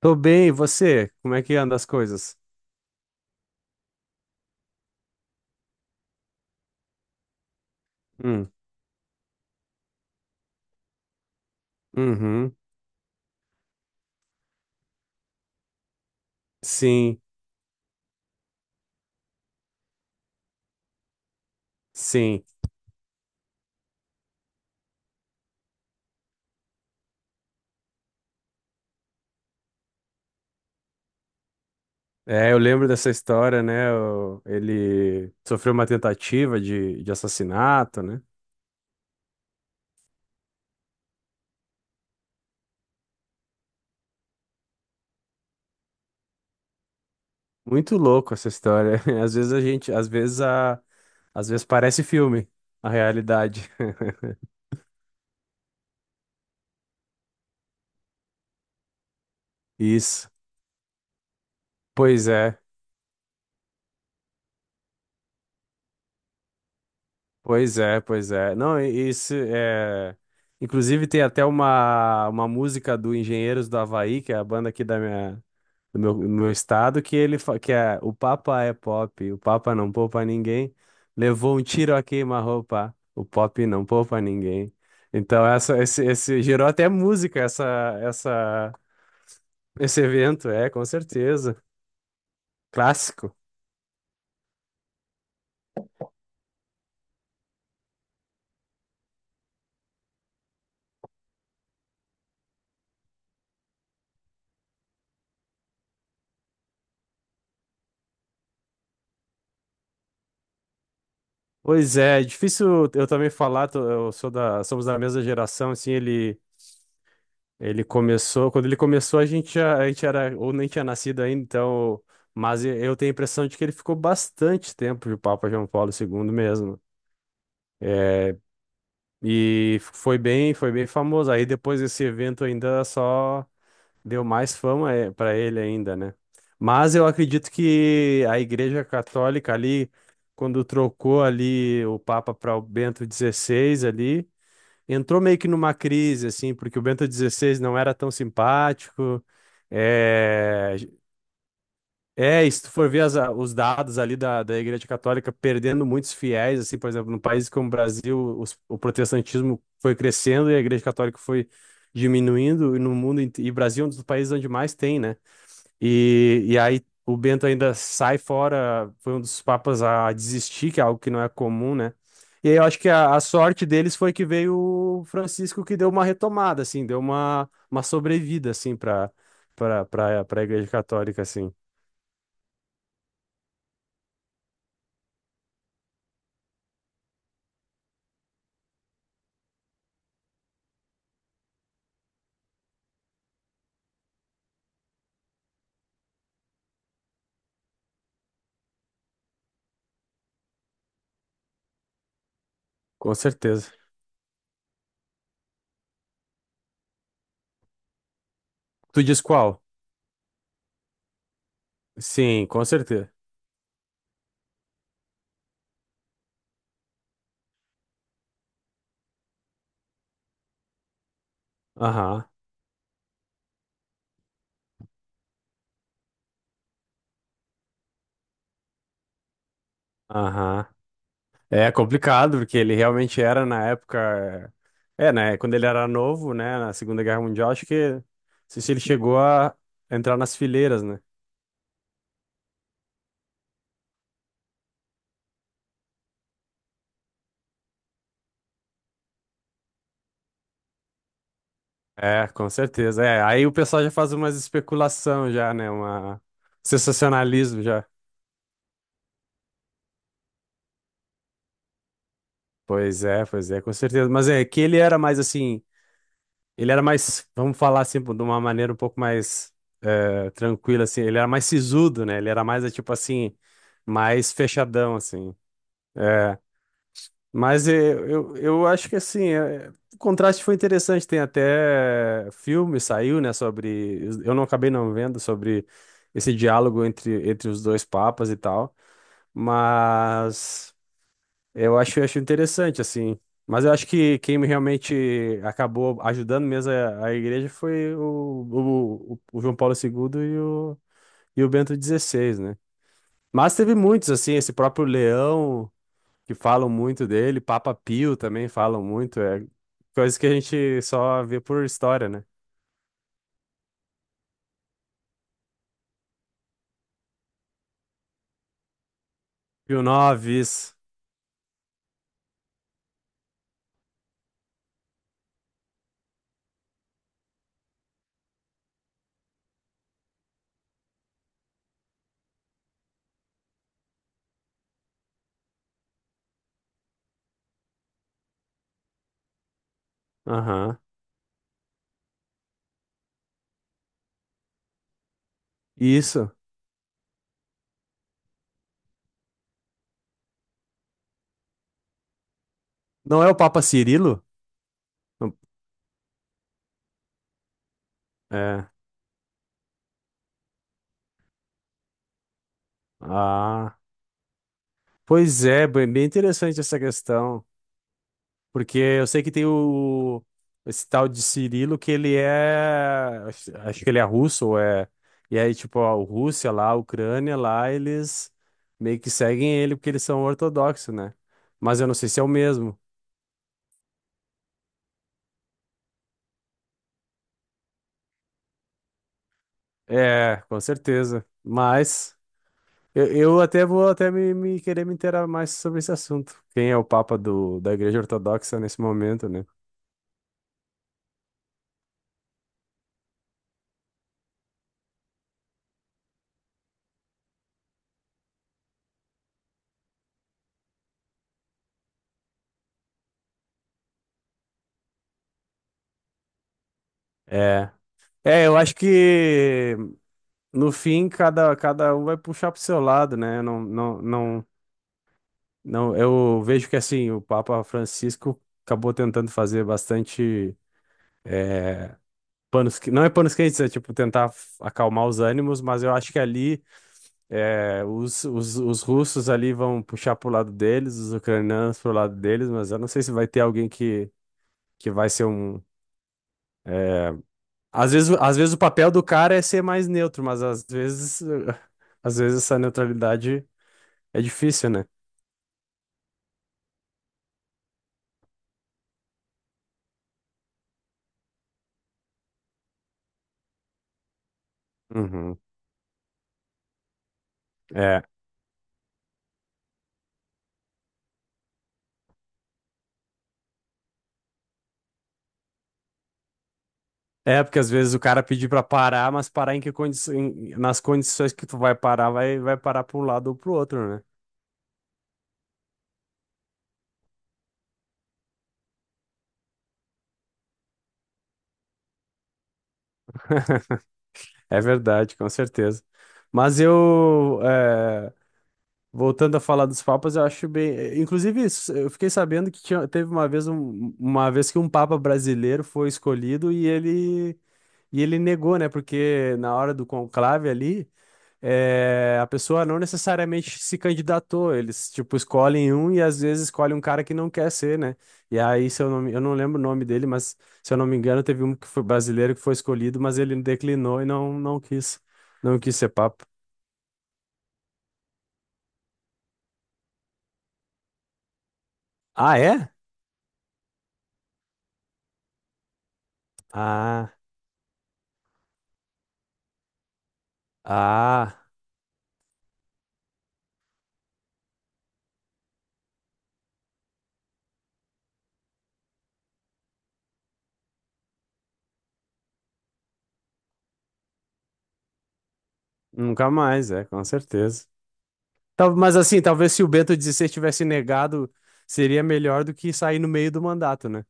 Tô bem, e você? Como é que anda as coisas? Hum, uhum, sim, sim. É, eu lembro dessa história, né? Ele sofreu uma tentativa de assassinato, né? Muito louco essa história. Às vezes a gente, às vezes a, Às vezes parece filme, a realidade. Isso. Pois é. Pois é, pois é. Não, isso é. Inclusive, tem até uma música do Engenheiros do Havaí, que é a banda aqui da do meu estado, que é "O Papa é pop, o Papa não poupa ninguém. Levou um tiro a queima-roupa, o pop não poupa ninguém." Então, esse gerou até música, essa, esse evento, é, com certeza. Clássico. Pois é, é difícil eu também falar, eu sou da, somos da mesma geração, assim, ele. Quando ele começou, a gente era, ou nem tinha nascido ainda, então, mas eu tenho a impressão de que ele ficou bastante tempo de Papa João Paulo II mesmo. É, e foi bem famoso. Aí depois desse evento ainda só deu mais fama é, para ele ainda, né? Mas eu acredito que a Igreja Católica ali, quando trocou ali o Papa para o Bento XVI ali, entrou meio que numa crise, assim, porque o Bento XVI não era tão simpático. É, é, e se tu for ver os dados ali da Igreja Católica perdendo muitos fiéis, assim, por exemplo, num país como o Brasil, o protestantismo foi crescendo e a Igreja Católica foi diminuindo, e no mundo, e Brasil é um dos países onde mais tem, né? E aí o Bento ainda sai fora, foi um dos papas a desistir, que é algo que não é comum, né? E aí eu acho que a sorte deles foi que veio o Francisco que deu uma retomada, assim, deu uma sobrevida, assim, para para a Igreja Católica, assim, com certeza. Tu diz qual? Sim, com certeza. Aham, aham. É complicado, porque ele realmente era na época. É, né? Quando ele era novo, né? Na Segunda Guerra Mundial, acho que. Não sei se ele chegou a entrar nas fileiras, né? É, com certeza. É, aí o pessoal já faz umas especulação já, né? Uma sensacionalismo já. Pois é, com certeza. Mas é que ele era mais assim, ele era mais, vamos falar assim, de uma maneira um pouco mais tranquila assim, ele era mais sisudo, né? Ele era mais tipo assim, mais fechadão assim. Mas eu acho que assim, o contraste foi interessante. Tem até filme, saiu, né, sobre. Eu não acabei não vendo sobre esse diálogo entre os dois papas e tal. Mas eu acho interessante, assim. Mas eu acho que quem realmente acabou ajudando mesmo é a igreja foi o João Paulo II e e o Bento XVI, né? Mas teve muitos, assim, esse próprio Leão que falam muito dele, Papa Pio também falam muito, é coisa que a gente só vê por história, né? Pio IX, aham, isso. Não é o Papa Cirilo? Não- É, ah, pois é, bem bem interessante essa questão, porque eu sei que tem o, esse tal de Cirilo que ele é, acho que ele é russo, ou é, e aí tipo, a Rússia lá, a Ucrânia lá, eles meio que seguem ele porque eles são ortodoxos, né? Mas eu não sei se é o mesmo. É, com certeza. Mas eu até vou até querer me inteirar mais sobre esse assunto. Quem é o Papa do, da Igreja Ortodoxa nesse momento, né? É. É, eu acho que no fim cada um vai puxar pro seu lado, né? Não, não, não, não, eu vejo que assim, o Papa Francisco acabou tentando fazer bastante panos, não é panos quentes, é tipo tentar acalmar os ânimos, mas eu acho que ali É, os russos ali vão puxar pro lado deles, os ucranianos pro lado deles, mas eu não sei se vai ter alguém que vai ser um. Às vezes o papel do cara é ser mais neutro, mas às vezes, às vezes essa neutralidade é difícil, né? Uhum. É. É, porque às vezes o cara pedir pra parar, mas parar em que nas condições que tu vai parar, vai parar para um lado ou pro outro, né? É verdade, com certeza. Mas voltando a falar dos papas, eu acho bem. Inclusive, isso, eu fiquei sabendo que teve uma vez, uma vez que um papa brasileiro foi escolhido e e ele negou, né? Porque na hora do conclave ali, a pessoa não necessariamente se candidatou. Eles, tipo, escolhem um e às vezes escolhem um cara que não quer ser, né? E aí, se eu não, me- eu não lembro o nome dele, mas se eu não me engano, teve um que foi brasileiro que foi escolhido, mas ele declinou e não quis, não quis ser papa. Ah, é? Ah. Ah, nunca mais, é, com certeza. Mas assim, talvez se o Bento XVI tivesse negado, seria melhor do que sair no meio do mandato, né?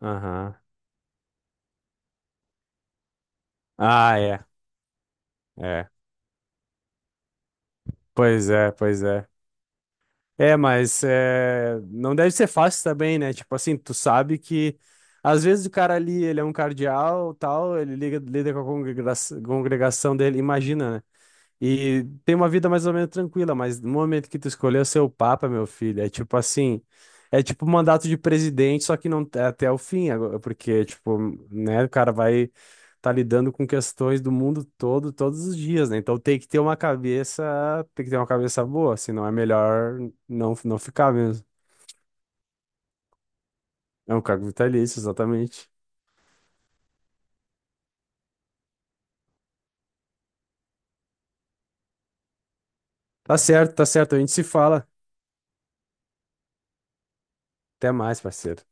Aham. Ah, é. É. Pois é, pois é. É, mas é, não deve ser fácil também, né? Tipo assim, tu sabe que às vezes o cara ali, ele é um cardeal, tal, ele liga, lida com a congregação dele, imagina, né? E tem uma vida mais ou menos tranquila, mas no momento que tu escolheu ser o Papa, meu filho, é tipo assim, é tipo um mandato de presidente, só que não é até o fim, agora, porque, tipo, né, o cara vai tá lidando com questões do mundo todo, todos os dias, né? Então tem que ter uma cabeça, tem que ter uma cabeça boa, senão é melhor não, não ficar mesmo. É um cargo vitalício, exatamente. Tá certo, a gente se fala. Até mais, parceiro.